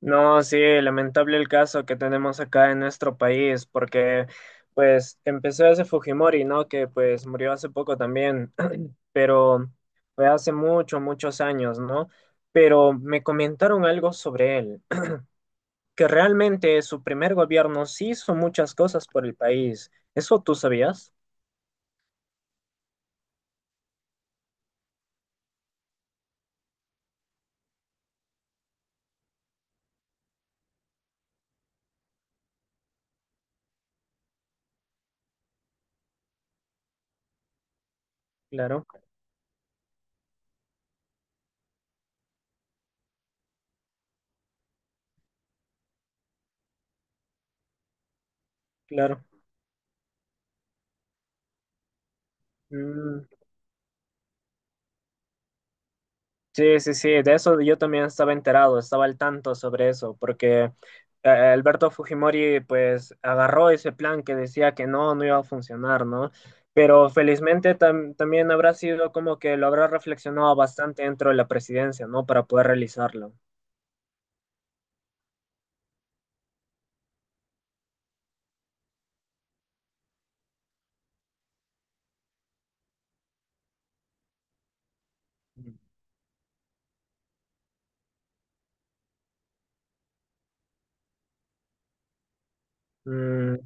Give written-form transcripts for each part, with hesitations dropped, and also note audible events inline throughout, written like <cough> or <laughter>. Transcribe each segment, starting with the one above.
No, sí, lamentable el caso que tenemos acá en nuestro país, porque pues empezó ese Fujimori, ¿no? Que pues murió hace poco también, <clears throat> pero fue hace muchos, muchos años, ¿no? Pero me comentaron algo sobre él, <clears throat> que realmente su primer gobierno sí hizo muchas cosas por el país. ¿Eso tú sabías? Claro, claro. Mm. Sí, sí, sí, de eso yo también estaba enterado, estaba al tanto sobre eso, porque Alberto Fujimori pues agarró ese plan que decía que no, no iba a funcionar, ¿no? Pero felizmente también habrá sido como que lo habrá reflexionado bastante dentro de la presidencia, ¿no? Para poder realizarlo. Mm.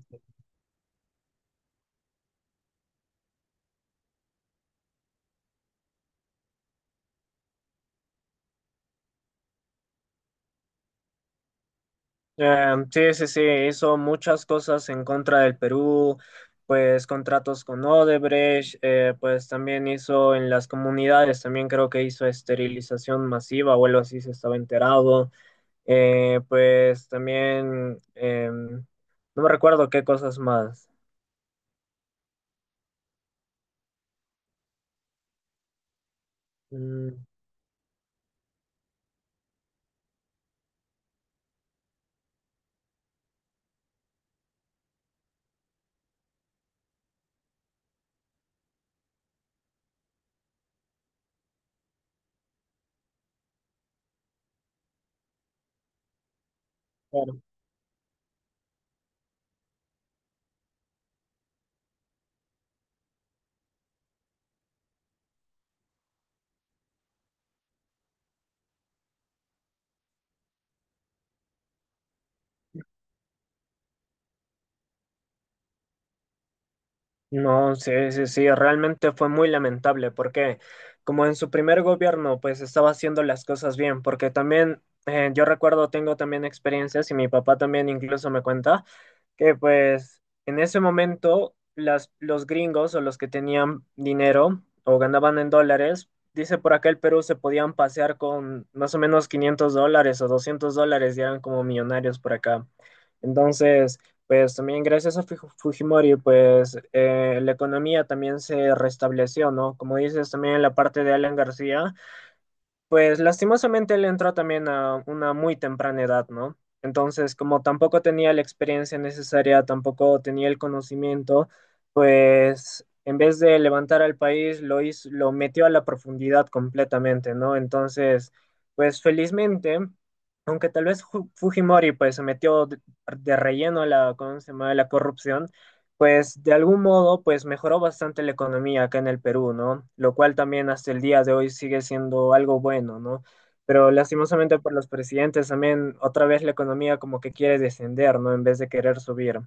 Sí, sí, sí, hizo muchas cosas en contra del Perú, pues contratos con Odebrecht, pues también hizo en las comunidades, también creo que hizo esterilización masiva o algo así, se estaba enterado. Pues también, no me recuerdo qué cosas más. Mm, claro. No, sí, sí, sí, realmente fue muy lamentable porque como en su primer gobierno pues estaba haciendo las cosas bien, porque también yo recuerdo, tengo también experiencias y mi papá también incluso me cuenta que pues en ese momento las, los gringos o los que tenían dinero o ganaban en dólares, dice por acá el Perú se podían pasear con más o menos $500 o $200 y eran como millonarios por acá. Entonces, pues también gracias a Fujimori, pues la economía también se restableció, ¿no? Como dices también en la parte de Alan García, pues lastimosamente él entró también a una muy temprana edad, ¿no? Entonces, como tampoco tenía la experiencia necesaria, tampoco tenía el conocimiento, pues en vez de levantar al país, lo hizo, lo metió a la profundidad completamente, ¿no? Entonces, pues felizmente, aunque tal vez Fujimori pues se metió de relleno a la, ¿cómo se llama? A la corrupción, pues de algún modo, pues mejoró bastante la economía acá en el Perú, ¿no? Lo cual también hasta el día de hoy sigue siendo algo bueno, ¿no? Pero lastimosamente por los presidentes también otra vez la economía como que quiere descender, ¿no? En vez de querer subir.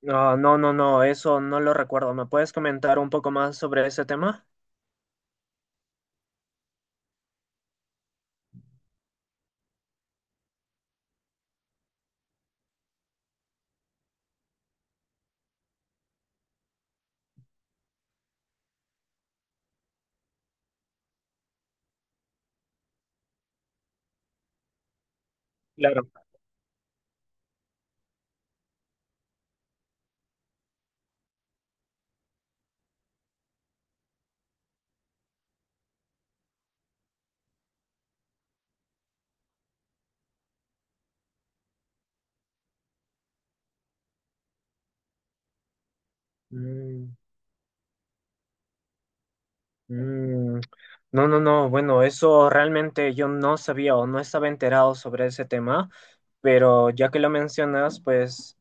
No, no, no, no, eso no lo recuerdo. ¿Me puedes comentar un poco más sobre ese tema? Claro. Mm. Mm, no, no, no. Bueno, eso realmente yo no sabía o no estaba enterado sobre ese tema, pero ya que lo mencionas, pues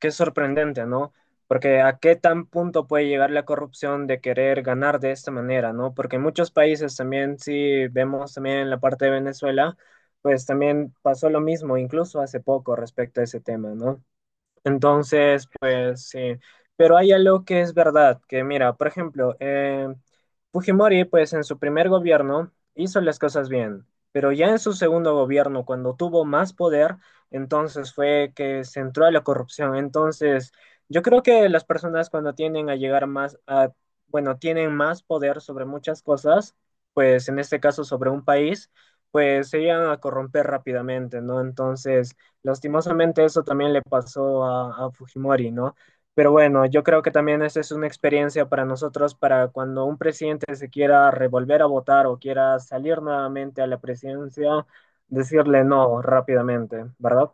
qué sorprendente, ¿no? Porque a qué tan punto puede llegar la corrupción de querer ganar de esta manera, ¿no? Porque en muchos países también, si vemos también en la parte de Venezuela, pues también pasó lo mismo, incluso hace poco respecto a ese tema, ¿no? Entonces, pues sí, pero hay algo que es verdad, que mira, por ejemplo, Fujimori, pues en su primer gobierno hizo las cosas bien, pero ya en su segundo gobierno, cuando tuvo más poder, entonces fue que se entró a la corrupción. Entonces, yo creo que las personas cuando tienden a llegar más a, bueno, tienen más poder sobre muchas cosas, pues en este caso sobre un país, pues se llegan a corromper rápidamente, ¿no? Entonces... Lastimosamente eso también le pasó a Fujimori, ¿no? Pero bueno, yo creo que también esa es una experiencia para nosotros, para cuando un presidente se quiera revolver a votar o quiera salir nuevamente a la presidencia, decirle no rápidamente, ¿verdad?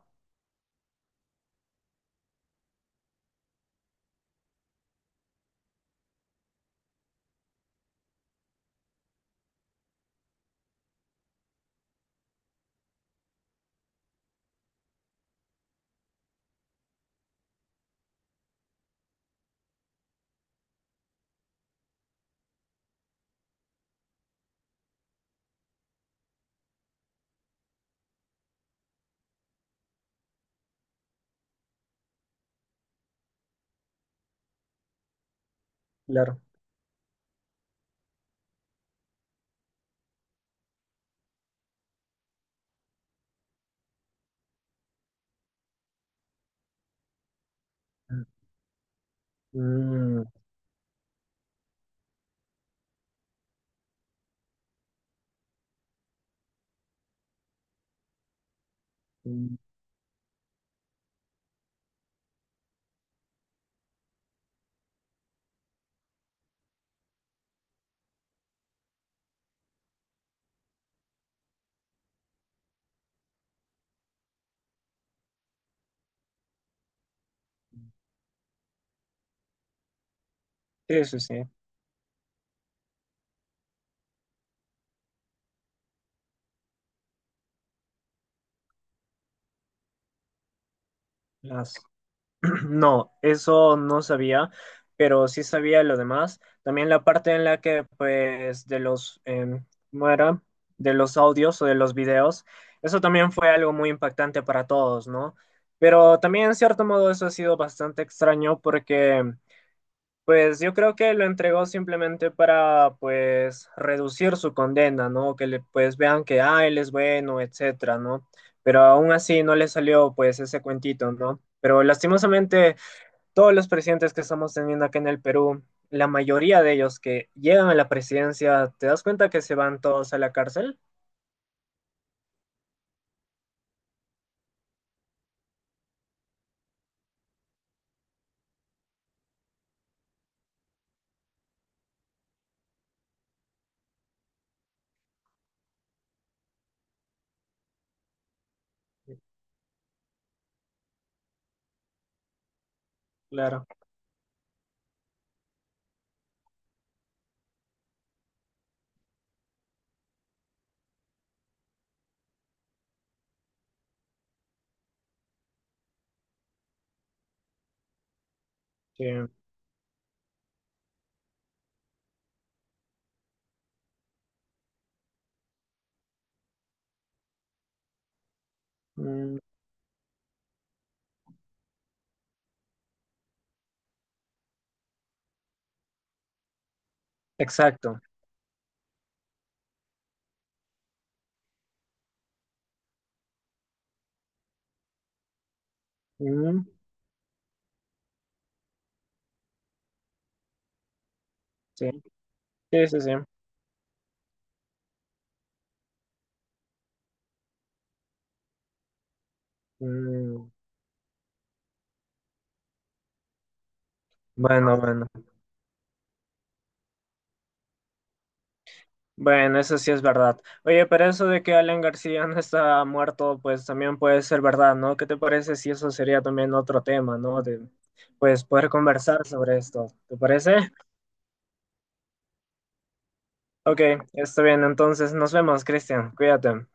Claro. Mm, mm, sí, sí, sí. Las- <clears throat> No, eso no sabía, pero sí sabía lo demás. También la parte en la que, pues, de los, ¿cómo era? De los audios o de los videos, eso también fue algo muy impactante para todos, ¿no? Pero también, en cierto modo, eso ha sido bastante extraño porque, pues, yo creo que lo entregó simplemente para, pues, reducir su condena, ¿no? Que, le, pues, vean que, ah, él es bueno, etcétera, ¿no? Pero aún así no le salió, pues, ese cuentito, ¿no? Pero lastimosamente todos los presidentes que estamos teniendo acá en el Perú, la mayoría de ellos que llegan a la presidencia, ¿te das cuenta que se van todos a la cárcel? Claro, sí. Mm, exacto. Mm, sí, sí, sí. Sí. Mm, bueno, bueno. Bueno, eso sí es verdad. Oye, pero eso de que Alan García no está muerto, pues también puede ser verdad, ¿no? ¿Qué te parece si eso sería también otro tema, no? De, pues poder conversar sobre esto. ¿Te parece? Ok, está bien. Entonces nos vemos, Cristian. Cuídate.